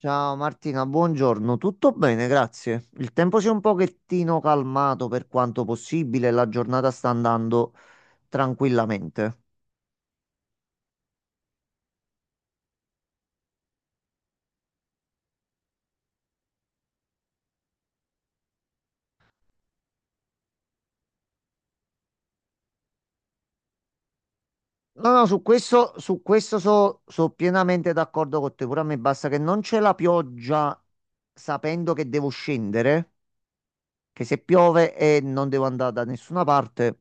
Ciao Martina, buongiorno. Tutto bene, grazie. Il tempo si è un pochettino calmato per quanto possibile, la giornata sta andando tranquillamente. No, no, su questo so pienamente d'accordo con te. Pure a me basta che non c'è la pioggia sapendo che devo scendere, che se piove e non devo andare da nessuna parte,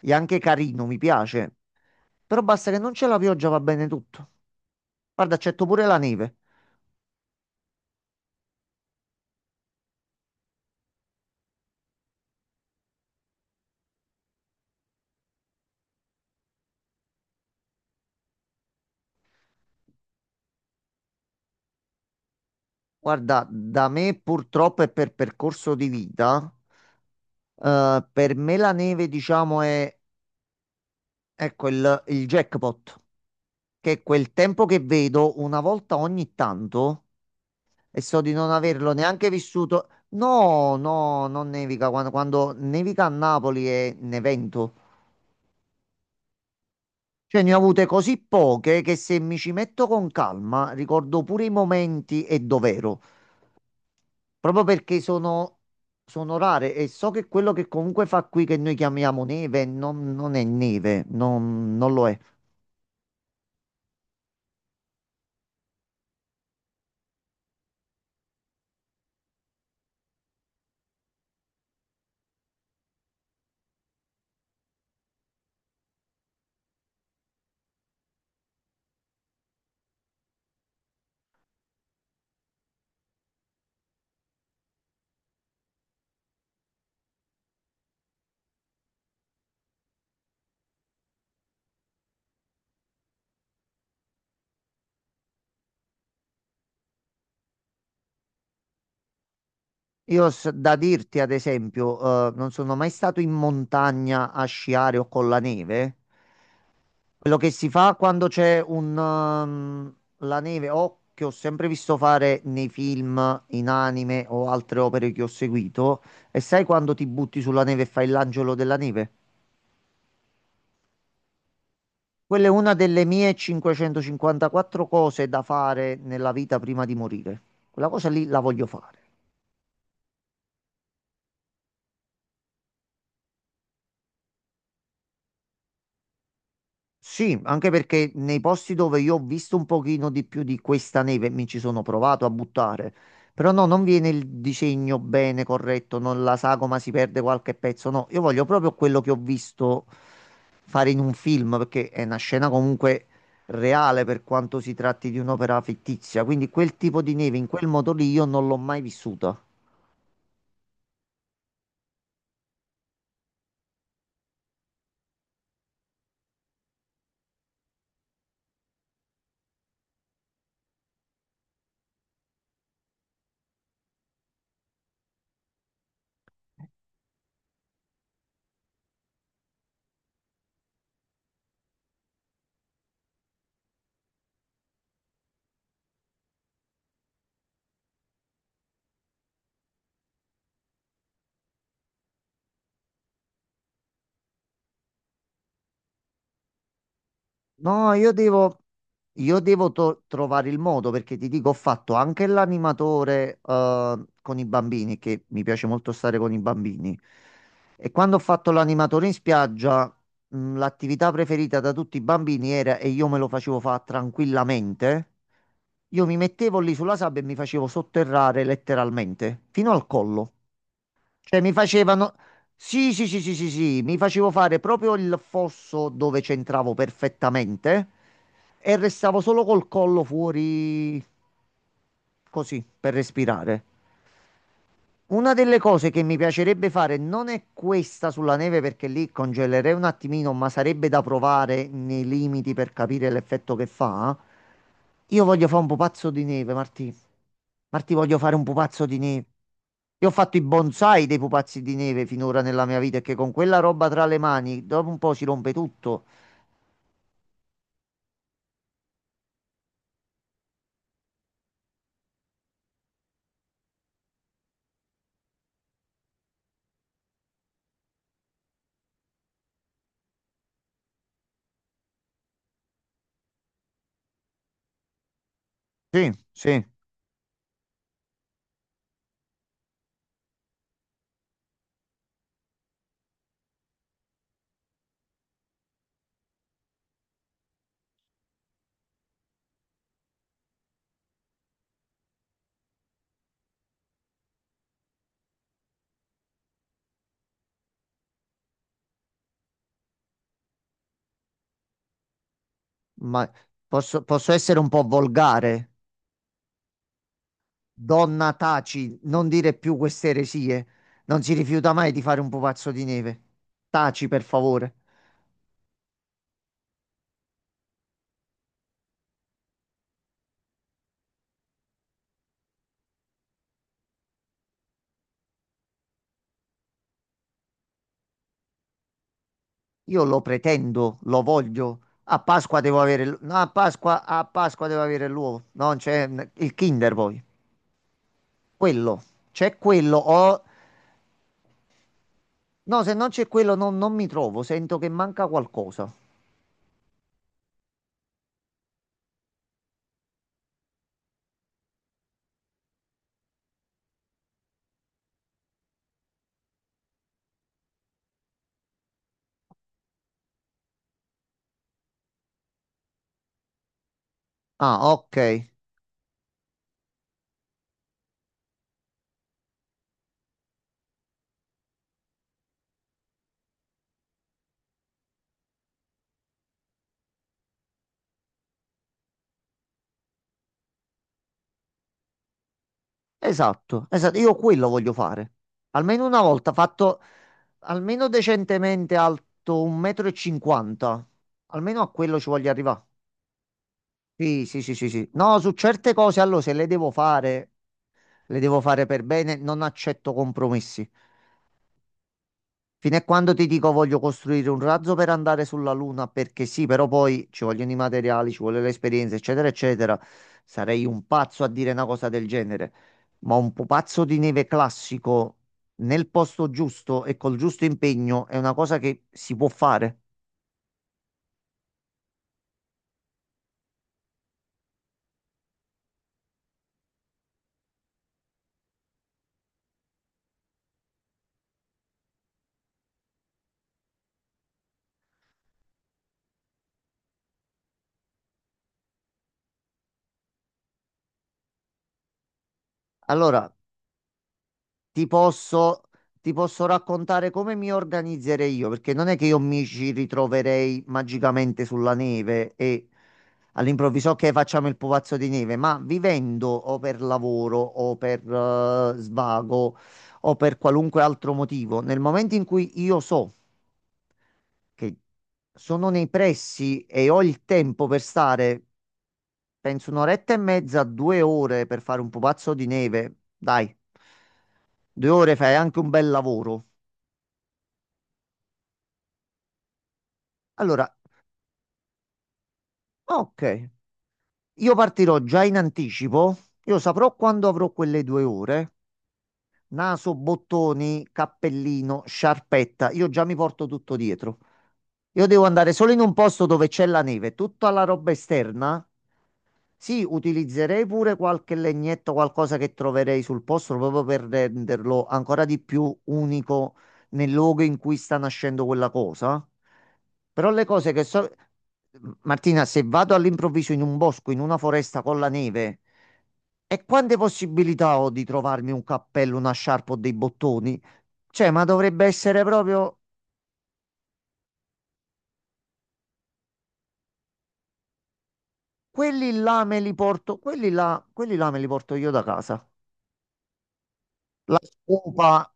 è anche carino, mi piace. Però basta che non c'è la pioggia, va bene tutto. Guarda, accetto pure la neve. Guarda, da me purtroppo e per percorso di vita, per me la neve, diciamo, è ecco il jackpot, che è quel tempo che vedo una volta ogni tanto e so di non averlo neanche vissuto. No, no, non nevica. Quando nevica a Napoli è un evento. Cioè, ne ho avute così poche che se mi ci metto con calma ricordo pure i momenti e dov'ero. Proprio perché sono rare e so che quello che comunque fa qui che noi chiamiamo neve non è neve, non lo è. Da dirti, ad esempio, non sono mai stato in montagna a sciare o con la neve. Quello che si fa quando c'è la neve o che ho sempre visto fare nei film, in anime o altre opere che ho seguito, e sai quando ti butti sulla neve e fai l'angelo della neve? Quella è una delle mie 554 cose da fare nella vita prima di morire. Quella cosa lì la voglio fare. Sì, anche perché nei posti dove io ho visto un pochino di più di questa neve, mi ci sono provato a buttare, però no, non viene il disegno bene, corretto, non la sagoma si perde qualche pezzo, no, io voglio proprio quello che ho visto fare in un film, perché è una scena comunque reale per quanto si tratti di un'opera fittizia, quindi quel tipo di neve in quel modo lì io non l'ho mai vissuta. No, io devo trovare il modo perché ti dico, ho fatto anche l'animatore con i bambini, che mi piace molto stare con i bambini. E quando ho fatto l'animatore in spiaggia, l'attività preferita da tutti i bambini era, e io me lo facevo fare tranquillamente, io mi mettevo lì sulla sabbia e mi facevo sotterrare letteralmente, fino al collo. Cioè, mi facevano. Sì, sì, sì, sì, sì, sì, mi facevo fare proprio il fosso dove c'entravo perfettamente e restavo solo col collo fuori così per respirare. Una delle cose che mi piacerebbe fare non è questa sulla neve perché lì congelerei un attimino, ma sarebbe da provare nei limiti per capire l'effetto che fa. Io voglio fare un pupazzo di neve, Martì. Martì, voglio fare un pupazzo di neve. Io ho fatto i bonsai dei pupazzi di neve finora nella mia vita e che con quella roba tra le mani dopo un po' si rompe tutto. Sì, sì, ma posso essere un po' volgare. Donna, taci, non dire più queste eresie. Non si rifiuta mai di fare un pupazzo di neve. Taci, per favore. Io lo pretendo, lo voglio. A Pasqua devo avere l- No, a Pasqua devo avere l'uovo. Non c'è il Kinder poi. Quello. C'è quello o no, se non c'è quello non mi trovo, sento che manca qualcosa. Ah, ok. Esatto, esatto, io quello voglio fare. Almeno una volta fatto almeno decentemente alto 1,50 m. Almeno a quello ci voglio arrivare. Sì, sì, sì, sì, sì. No, su certe cose, allora, se le devo fare, le devo fare per bene, non accetto compromessi. Fino a quando ti dico voglio costruire un razzo per andare sulla Luna, perché sì, però poi ci vogliono i materiali, ci vuole l'esperienza, eccetera, eccetera. Sarei un pazzo a dire una cosa del genere. Ma un pupazzo di neve classico nel posto giusto e col giusto impegno è una cosa che si può fare. Allora, ti posso, ti posso raccontare come mi organizzerei io, perché non è che io mi ci ritroverei magicamente sulla neve e all'improvviso che facciamo il pupazzo di neve, ma vivendo o per lavoro o per svago o per qualunque altro motivo, nel momento in cui io so che sono nei pressi e ho il tempo per stare, penso un'oretta e mezza, due ore per fare un pupazzo di neve, dai. Due ore fai anche un bel lavoro. Allora, ok, io partirò già in anticipo. Io saprò quando avrò quelle due ore. Naso, bottoni, cappellino, sciarpetta. Io già mi porto tutto dietro. Io devo andare solo in un posto dove c'è la neve. Tutta la roba esterna. Sì, utilizzerei pure qualche legnetto, qualcosa che troverei sul posto, proprio per renderlo ancora di più unico nel luogo in cui sta nascendo quella cosa. Però le cose che so... Martina, se vado all'improvviso in un bosco, in una foresta con la neve, e quante possibilità ho di trovarmi un cappello, una sciarpa o dei bottoni? Cioè, ma dovrebbe essere proprio... quelli là me li porto io da casa. La scopa.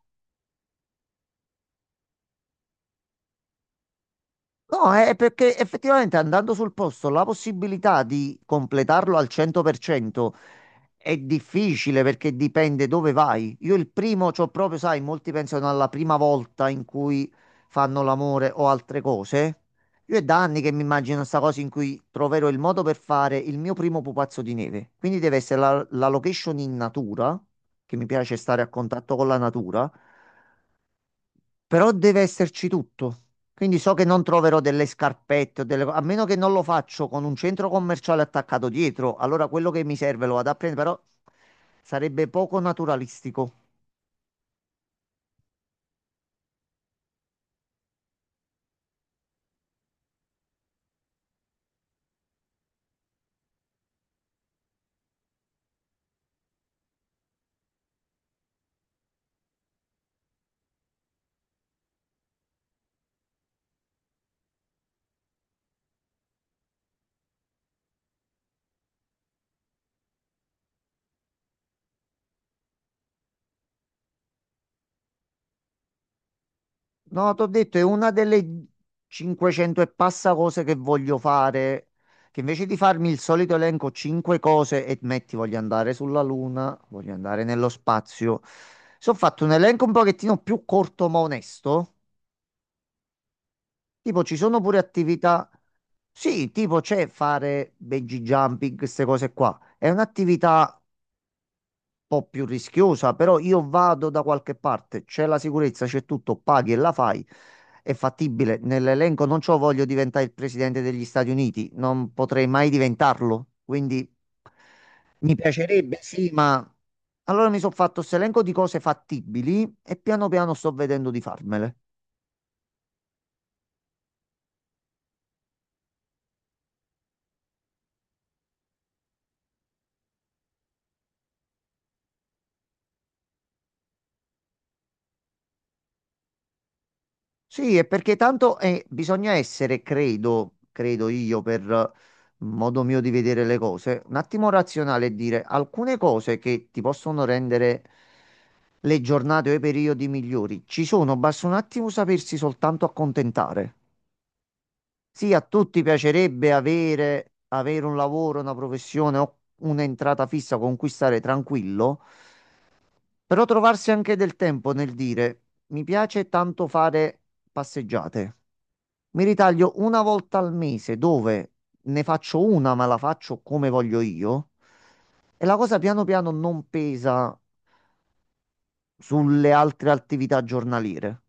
No, è perché effettivamente andando sul posto la possibilità di completarlo al 100% è difficile perché dipende dove vai. Io il primo, c'ho proprio, sai, molti pensano alla prima volta in cui fanno l'amore o altre cose. Io è da anni che mi immagino sta cosa in cui troverò il modo per fare il mio primo pupazzo di neve. Quindi deve essere la location in natura, che mi piace stare a contatto con la natura. Però deve esserci tutto. Quindi so che non troverò delle scarpette o delle... A meno che non lo faccio con un centro commerciale attaccato dietro, allora quello che mi serve lo vado a prendere, però sarebbe poco naturalistico. No, ti ho detto, è una delle 500 e passa cose che voglio fare, che invece di farmi il solito elenco 5 cose e metti voglio andare sulla Luna, voglio andare nello spazio. Se ho fatto un elenco un pochettino più corto ma onesto, tipo ci sono pure attività. Sì, tipo c'è fare bungee jumping, queste cose qua. È un'attività un po' più rischiosa, però io vado da qualche parte, c'è la sicurezza, c'è tutto, paghi e la fai. È fattibile. Nell'elenco non c'ho voglio diventare il presidente degli Stati Uniti, non potrei mai diventarlo, quindi mi piacerebbe, sì, ma allora mi sono fatto questo elenco di cose fattibili e piano piano sto vedendo di farmele. Sì, è perché tanto bisogna essere, credo io, per modo mio di vedere le cose, un attimo razionale e dire alcune cose che ti possono rendere le giornate o i periodi migliori ci sono, basta un attimo sapersi soltanto accontentare. Sì, a tutti piacerebbe avere un lavoro, una professione o un'entrata fissa con cui stare tranquillo, però trovarsi anche del tempo nel dire mi piace tanto fare passeggiate. Mi ritaglio una volta al mese dove ne faccio una, ma la faccio come voglio io. E la cosa piano piano non pesa sulle altre attività giornaliere.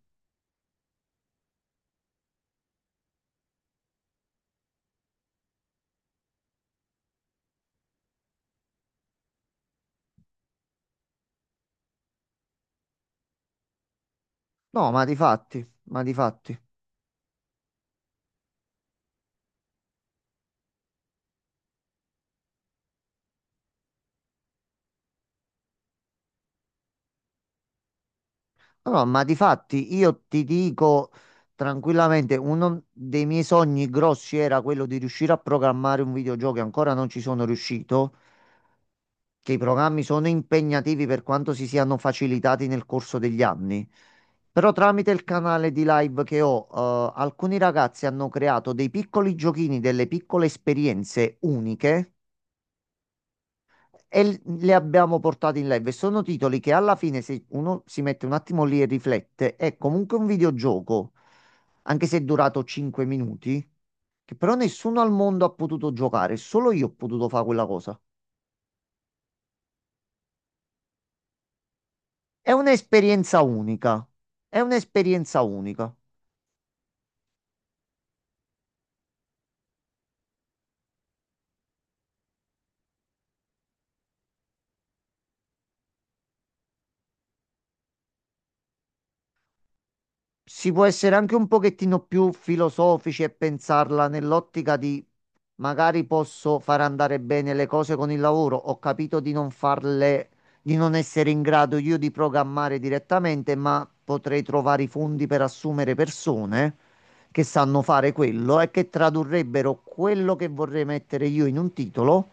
No, ma di fatti, ma di fatti. No, no, ma di fatti io ti dico tranquillamente, uno dei miei sogni grossi era quello di riuscire a programmare un videogioco e ancora non ci sono riuscito. Che i programmi sono impegnativi per quanto si siano facilitati nel corso degli anni. Però tramite il canale di live che ho, alcuni ragazzi hanno creato dei piccoli giochini, delle piccole esperienze uniche e le abbiamo portate in live. E sono titoli che alla fine, se uno si mette un attimo lì e riflette, è comunque un videogioco, anche se è durato 5 minuti, che però nessuno al mondo ha potuto giocare, solo io ho potuto fare quella cosa. È un'esperienza unica, è un'esperienza unica. Si può essere anche un pochettino più filosofici e pensarla nell'ottica di magari posso far andare bene le cose con il lavoro, ho capito di non farle, di non essere in grado io di programmare direttamente, ma potrei trovare i fondi per assumere persone che sanno fare quello e che tradurrebbero quello che vorrei mettere io in un titolo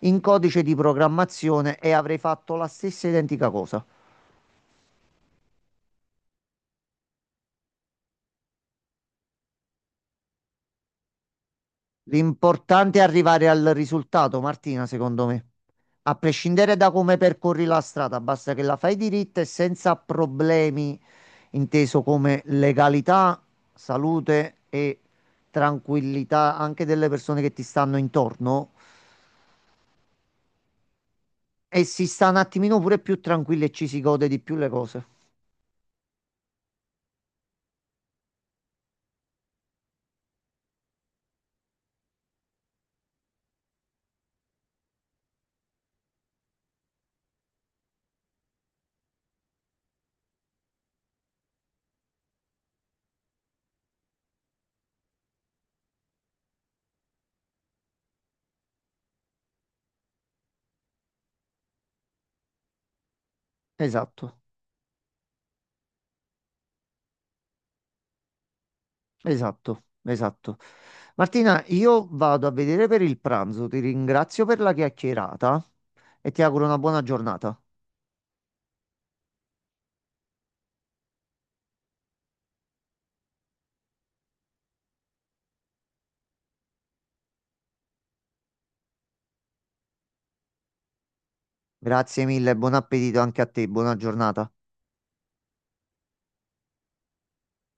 in codice di programmazione e avrei fatto la stessa identica cosa. L'importante è arrivare al risultato, Martina, secondo me. A prescindere da come percorri la strada, basta che la fai diritta e senza problemi, inteso come legalità, salute e tranquillità anche delle persone che ti stanno intorno. E si sta un attimino pure più tranquilli e ci si gode di più le cose. Esatto, esatto, esatto. Martina, io vado a vedere per il pranzo, ti ringrazio per la chiacchierata e ti auguro una buona giornata. Grazie mille, buon appetito anche a te, buona giornata.